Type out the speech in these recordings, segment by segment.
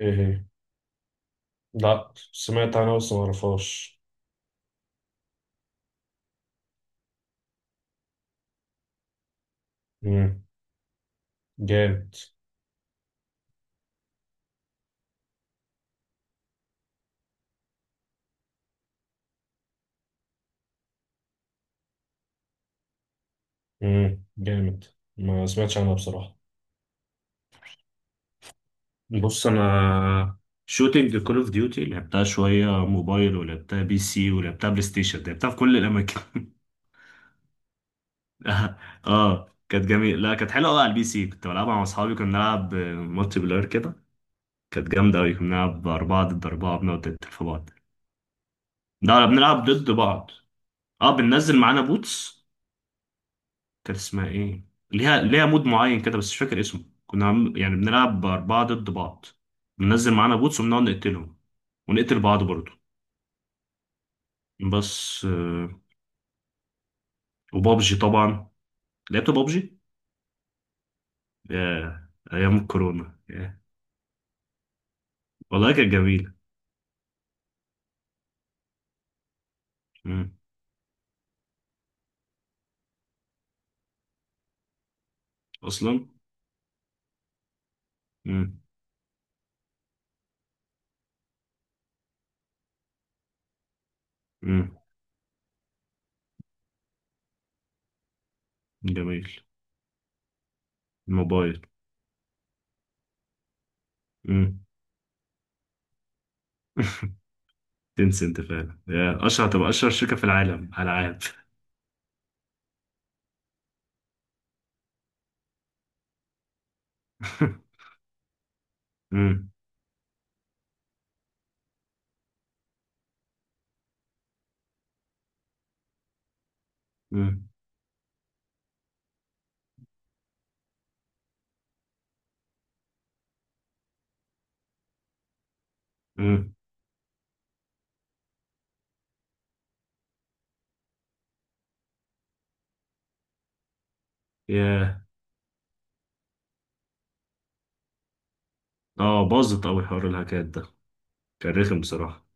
ايه هي؟ لا، سمعت عنها بس ما اعرفهاش. مم، جامد. مم، جامد. ما سمعتش عنها بصراحة. بص انا، شوتينج كول اوف ديوتي لعبتها شويه موبايل ولعبتها بي سي ولعبتها بلاي ستيشن، لعبتها في كل الاماكن. اه كانت جميل، لا كانت حلوه قوي على البي سي، كنت بلعبها مع اصحابي، كنا بنلعب مالتي بلاير كده. كانت جامده قوي، كنا بنلعب اربعه ضد اربعه بنقعد نقتل في بعض. لا لا، بنلعب ضد بعض. اه بننزل معانا بوتس. كانت اسمها ايه؟ ليها مود معين كده بس مش فاكر اسمه، يعني بنلعب أربعة ضد بعض. بننزل معانا بوتس وبنقعد نقتلهم ونقتل بعض برضه. بس آه، وبابجي طبعا. لعبت بابجي، ياه أيام الكورونا، ياه. والله كانت جميلة. مم. أصلا. مم. مم. جميل. الموبايل. مم. تنسى أنت فعلا، يا أشهر تبقى أشهر شركة في العالم ألعاب. مم. مم. مم. ياه. اه باظت أوي حوار الهاكات ده، كان رخم بصراحة.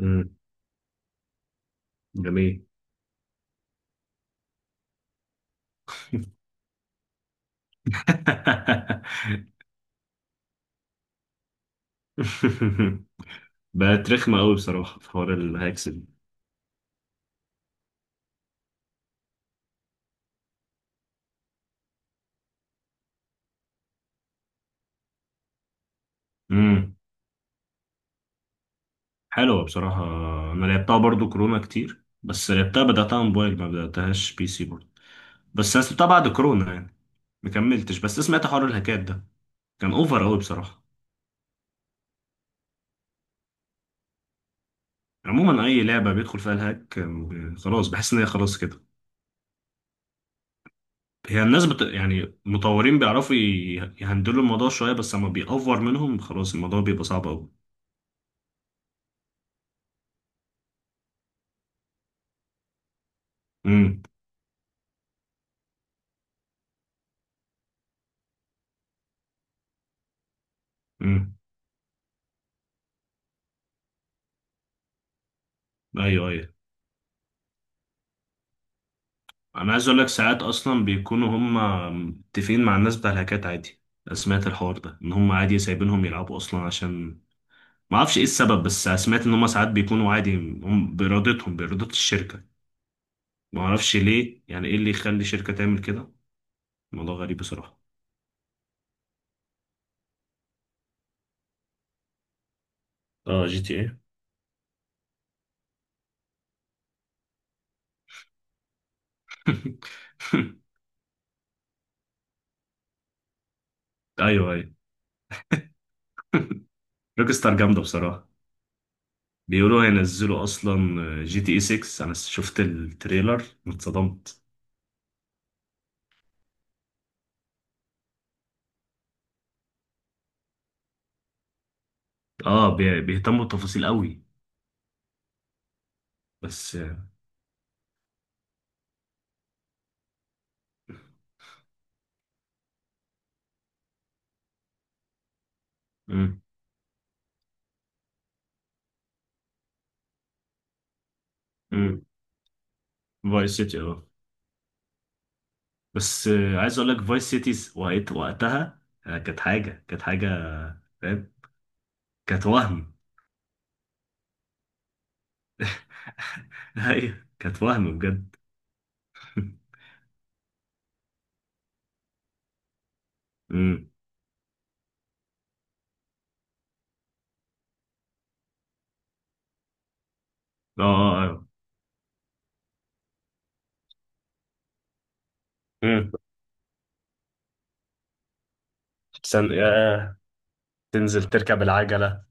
امم. جميل. بقت رخمة أوي بصراحة في حوار الهاكس دي. امم. حلوة بصراحة. أنا لعبتها برضو كورونا كتير، بس لعبتها بدأتها موبايل ما بدأتهاش بي سي برضو. بس أنا سبتها بعد كورونا يعني، ما كملتش، بس سمعت حوار الهاكات ده، كان أوفر أوي بصراحة. عموما أي لعبة بيدخل فيها الهاك خلاص بحس إن هي خلاص كده. يعني المطورين بيعرفوا يهندلوا الموضوع شوية، بس لما بيأوفر منهم خلاص الموضوع بيبقى صعب أوي. امم. ايوه ايوه. انا عايز اقول لك ساعات اصلا بيكونوا هم متفقين مع الناس بتاع الهاكات عادي. أنا سمعت الحوار ده ان هم عادي سايبينهم يلعبوا اصلا، عشان ما اعرفش ايه السبب، بس سمعت ان هم ساعات بيكونوا عادي، هم بارادتهم باراده الشركه. ما اعرفش ليه، يعني ايه اللي يخلي شركه تعمل كده؟ الموضوع غريب بصراحه. اه جي تي ايه. ايوه ايوه. روكستار جامده بصراحه. بيقولوا هينزلوا اصلا جي تي اي 6، انا شفت التريلر اتصدمت. اه بيهتموا بالتفاصيل قوي. بس. امم. امم. فايس سيتي، اه. بس عايز اقول لك فايس سيتيز وقتها، كانت حاجه، كانت حاجه. فاهم. كانت وهم. ايوه كانت وهم بجد. امم. اه اه آه. امم. احسن يا، تنزل تركب العجله.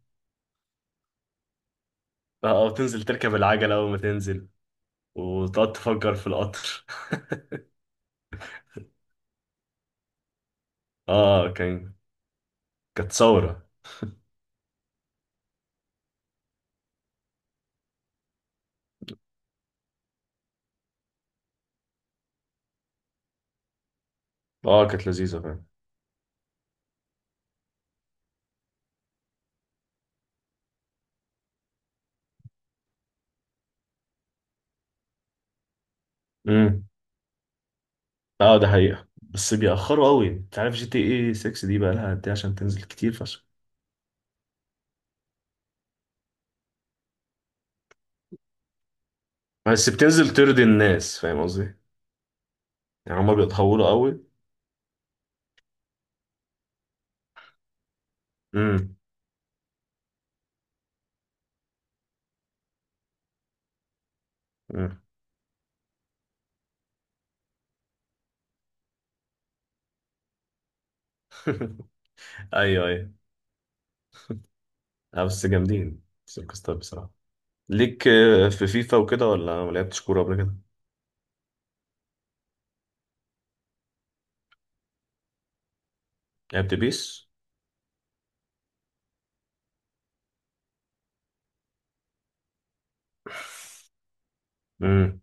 اه، او تنزل تركب العجله اول ما تنزل، وتقعد تفجر في القطر. اه كان، كانت ثوره. اه كانت لذيذه. فاهم. اه ده حقيقة، بس بيأخروا قوي، انت عارف جي تي اي 6 دي بقى لها قد ايه عشان تنزل؟ كتير فشخ. بس بتنزل ترضي الناس، فاهم قصدي؟ يعني هما بيتهوروا قوي. امم. أمم. ايوه ايوه. لا بس جامدين سيركس ستار بصراحة. ليك في فيفا وكده، ولا ما لعبتش كورة قبل كده؟ لعبت بيس. امم.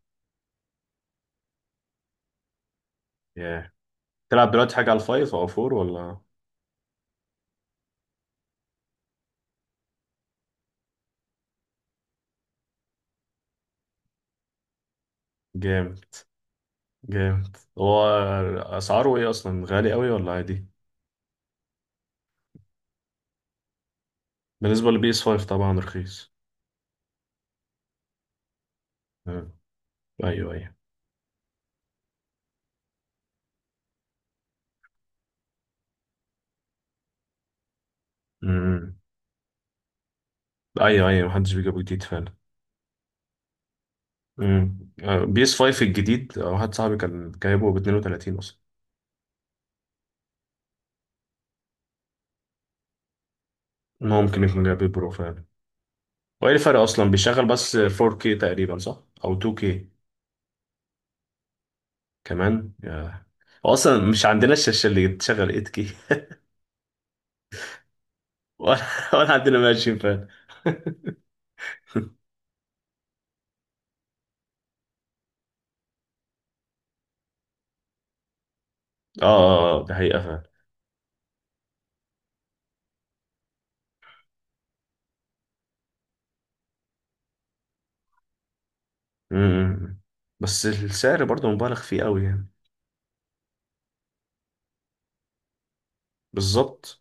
ياه. تلعب دلوقتي حاجة على الفايف او فور ولا؟ جامد. جامد هو. اسعاره ايه اصلا، غالي قوي ولا عادي؟ بالنسبة لبيس 5 طبعا رخيص. أمم. ايوه ايوه. أمم. ايوه ايوه، محدش بيجيبه جديد فعلا. امم، بي اس 5 الجديد، واحد صاحبي كان جايبه ب 32 اصلا. ان هو ممكن يكون جايب برو فعلا. وايه الفرق اصلا؟ بيشغل بس 4K تقريبا، صح؟ او 2K كمان يا. هو اصلا مش عندنا الشاشه اللي تشغل 8K. ولا، ولا عندنا ماشين فعلا. اه اه آه، ده حقيقة فعلا. امم. بس السعر برضه مبالغ فيه قوي يعني. بالظبط.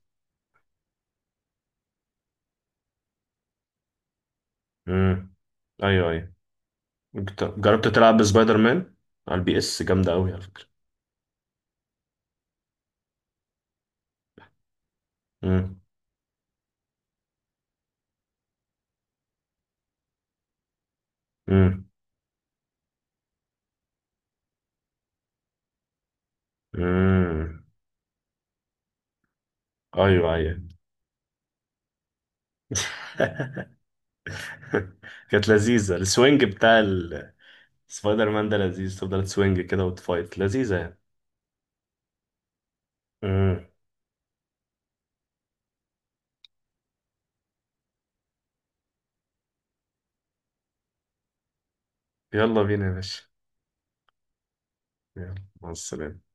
امم. ايوه ايوه. جربت تلعب بسبايدر مان على البي اس؟ جامدة قوي على فكرة. مم. امم. امم. ايوه ايوه. كانت لذيذه السوينج بتاع سبايدر مان ده، لذيذ تفضل تسوينج كده وتفايت، لذيذه يعني. امم. يلا بينا يا باشا. يلا. مع السلامه.